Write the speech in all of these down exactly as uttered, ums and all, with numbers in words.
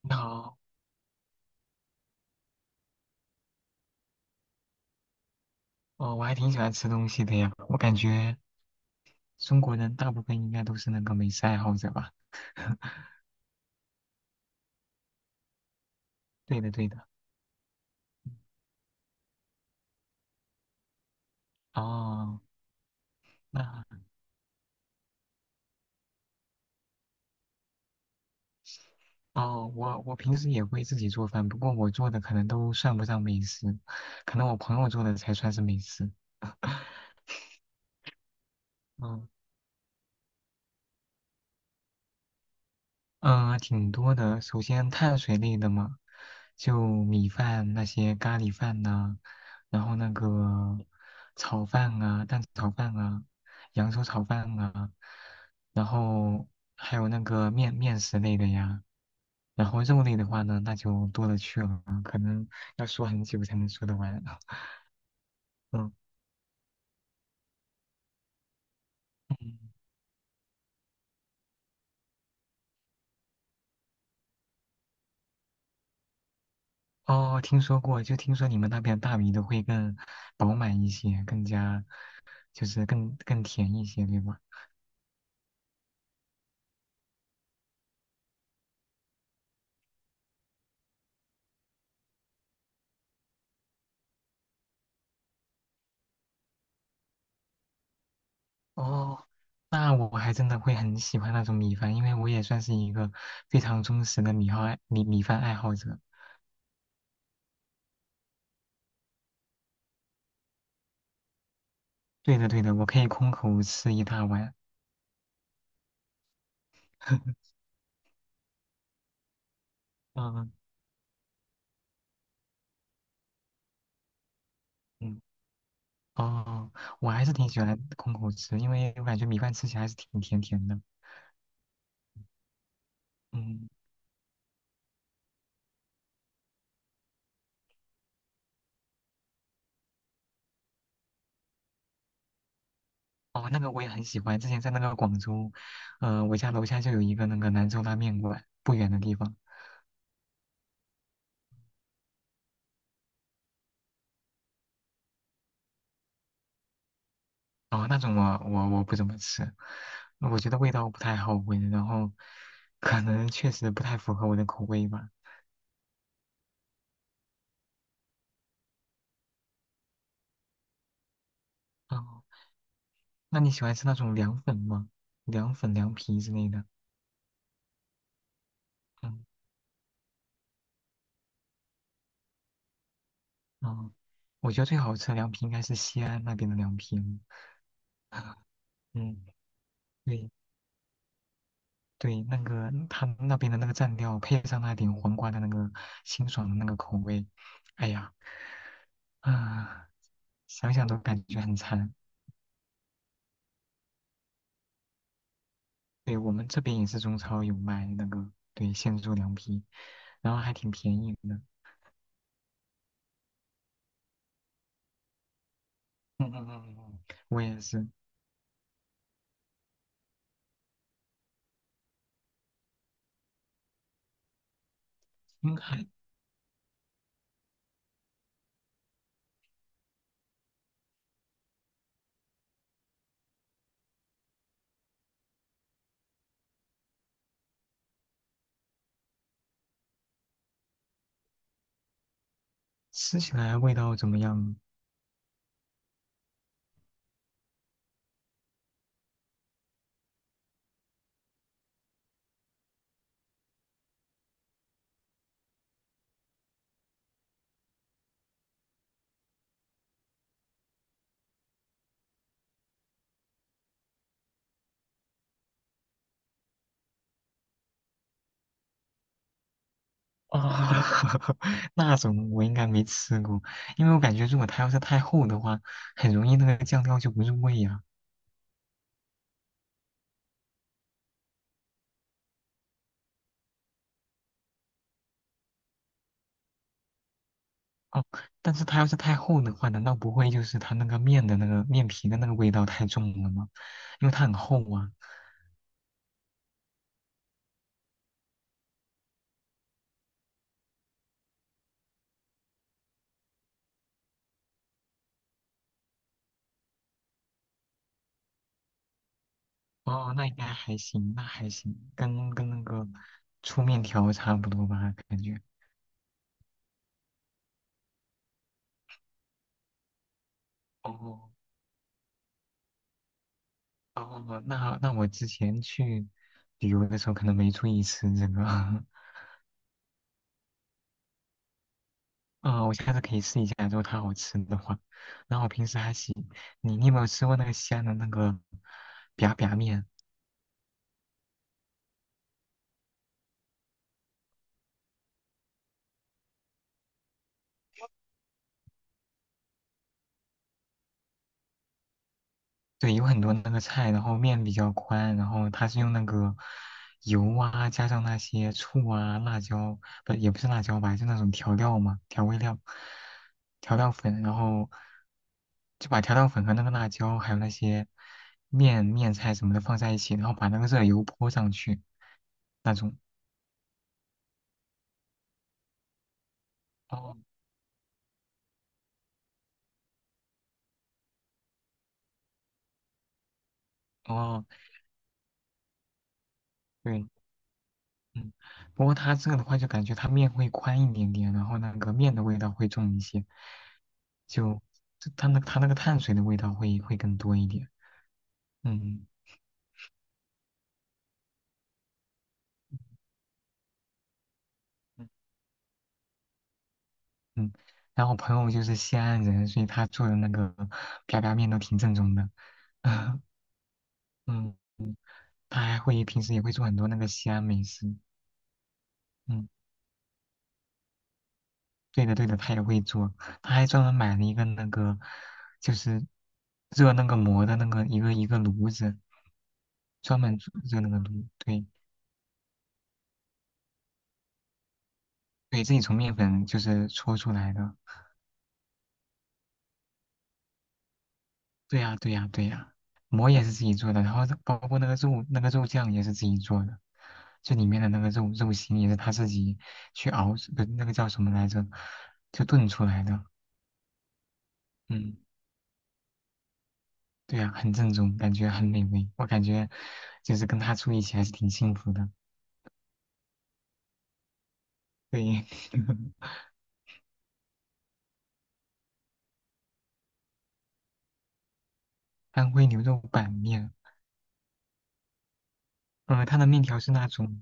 你好。哦，我还挺喜欢吃东西的呀。我感觉中国人大部分应该都是那个美食爱好者吧？对的，对的。哦，那哦，我我平时也会自己做饭，不过我做的可能都算不上美食，可能我朋友做的才算是美食。嗯嗯、呃挺多的。首先碳水类的嘛，就米饭那些咖喱饭呐、然后那个炒饭啊、蛋炒饭啊、扬州炒饭啊，然后还有那个面面食类的呀。然后肉类的话呢，那就多了去了，可能要说很久才能说得完。嗯嗯。哦，听说过，就听说你们那边大米都会更饱满一些，更加就是更更甜一些，对吧？哦，那我还真的会很喜欢那种米饭，因为我也算是一个非常忠实的米好爱米米饭爱好者。对的对的，我可以空口吃一大碗。嗯嗯。哦，我还是挺喜欢空口吃，因为我感觉米饭吃起来还是挺甜甜的。嗯。哦，那个我也很喜欢，之前在那个广州，呃，我家楼下就有一个那个兰州拉面馆，不远的地方。哦，那种我我我不怎么吃，我觉得味道不太好闻，然后可能确实不太符合我的口味吧。哦，那你喜欢吃那种凉粉吗？凉粉、凉皮之类的。嗯。哦，我觉得最好吃的凉皮应该是西安那边的凉皮了。 嗯，对对，那个他那边的那个蘸料，配上那点黄瓜的那个清爽的那个口味，哎呀，啊、想想都感觉很馋。对，我们这边也是中超有卖那个，对，现做凉皮，然后还挺便宜的。嗯嗯嗯嗯，嗯，我也是。应该吃起来味道怎么样？啊、那种我应该没吃过，因为我感觉如果它要是太厚的话，很容易那个酱料就不入味呀。哦，但是它要是太厚的话，难道不会就是它那个面的那个面皮的那个味道太重了吗？因为它很厚啊。哦，那应该还行，那还行，跟跟那个粗面条差不多吧，感觉。哦，哦，那那我之前去旅游的时候可能没注意吃这个。啊、我下次可以试一下，如果它好吃的话。然后我平时还行，你你有没有吃过那个西安的那个 biang biang 面？对，有很多那个菜，然后面比较宽，然后它是用那个油啊，加上那些醋啊、辣椒，不，也不是辣椒吧，就那种调料嘛，调味料、调料粉，然后就把调料粉和那个辣椒还有那些面面菜什么的放在一起，然后把那个热油泼上去，那种。哦，哦，对。嗯，不过他这个的话，就感觉他面会宽一点点，然后那个面的味道会重一些，就他那他那个碳水的味道会会更多一点。嗯嗯嗯。然后我朋友就是西安人，所以他做的那个啪啪面都挺正宗的。嗯，他还会平时也会做很多那个西安美食。嗯。对的，对的，他也会做，他还专门买了一个那个，就是热那个馍的那个一个一个炉子，专门做热那个炉，对。对，自己从面粉就是搓出来的。对呀，对呀，对呀，馍也是自己做的，然后包括那个肉那个肉酱也是自己做的，这里面的那个肉肉心也是他自己去熬，不，那个叫什么来着，就炖出来的。嗯。对呀，很正宗，感觉很美味。我感觉就是跟他住一起还是挺幸福的。对。安徽牛肉板面，呃，它的面条是那种，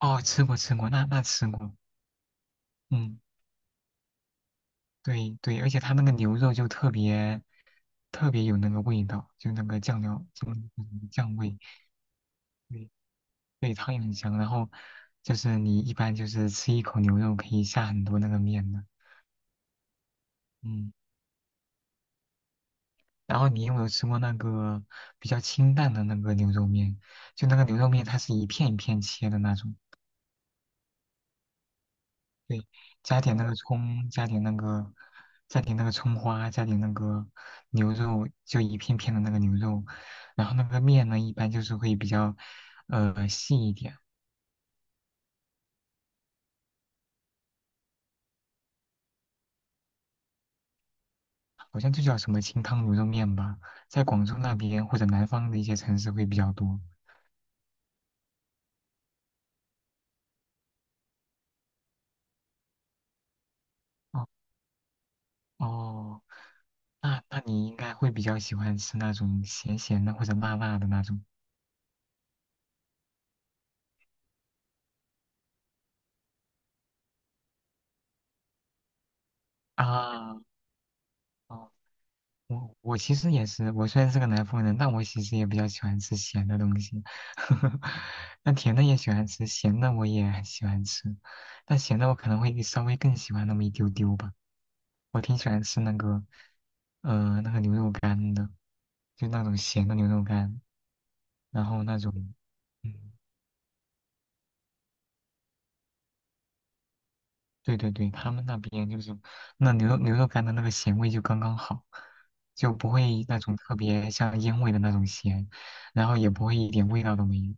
哦，吃过吃过，那那吃过。嗯，对对，而且它那个牛肉就特别特别有那个味道，就那个酱料，就那个酱味，对对，汤也很香。然后就是你一般就是吃一口牛肉可以下很多那个面的。嗯。然后你有没有吃过那个比较清淡的那个牛肉面？就那个牛肉面它是一片一片切的那种。对，加点那个葱，加点那个，加点那个葱花，加点那个牛肉，就一片片的那个牛肉。然后那个面呢，一般就是会比较，呃，细一点，好像就叫什么清汤牛肉面吧，在广州那边或者南方的一些城市会比较多。哦，哦，那那你应该会比较喜欢吃那种咸咸的或者辣辣的那种。啊。哦，我我其实也是，我虽然是个南方人，但我其实也比较喜欢吃咸的东西。那甜的也喜欢吃，咸的我也很喜欢吃，但咸的我可能会稍微更喜欢那么一丢丢吧。我挺喜欢吃那个，呃，那个牛肉干的，就那种咸的牛肉干，然后那种，嗯，对对对，他们那边就是那牛肉牛肉干的那个咸味就刚刚好，就不会那种特别像烟味的那种咸，然后也不会一点味道都没有。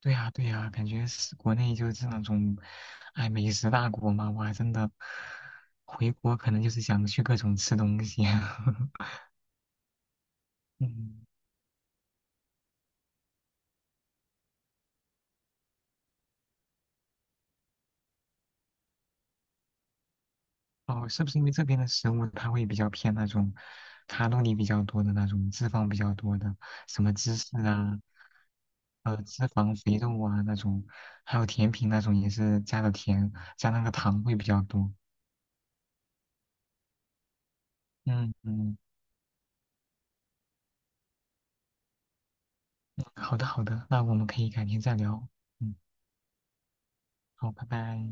对呀，对呀，感觉是国内就是那种，哎，美食大国嘛，哇，真的，回国可能就是想去各种吃东西。嗯。哦，是不是因为这边的食物它会比较偏那种卡路里比较多的那种，脂肪比较多的，什么芝士啊，呃，脂肪、肥肉啊那种，还有甜品那种也是加的甜，加那个糖会比较多。嗯嗯。好的好的，那我们可以改天再聊。嗯，好，拜拜。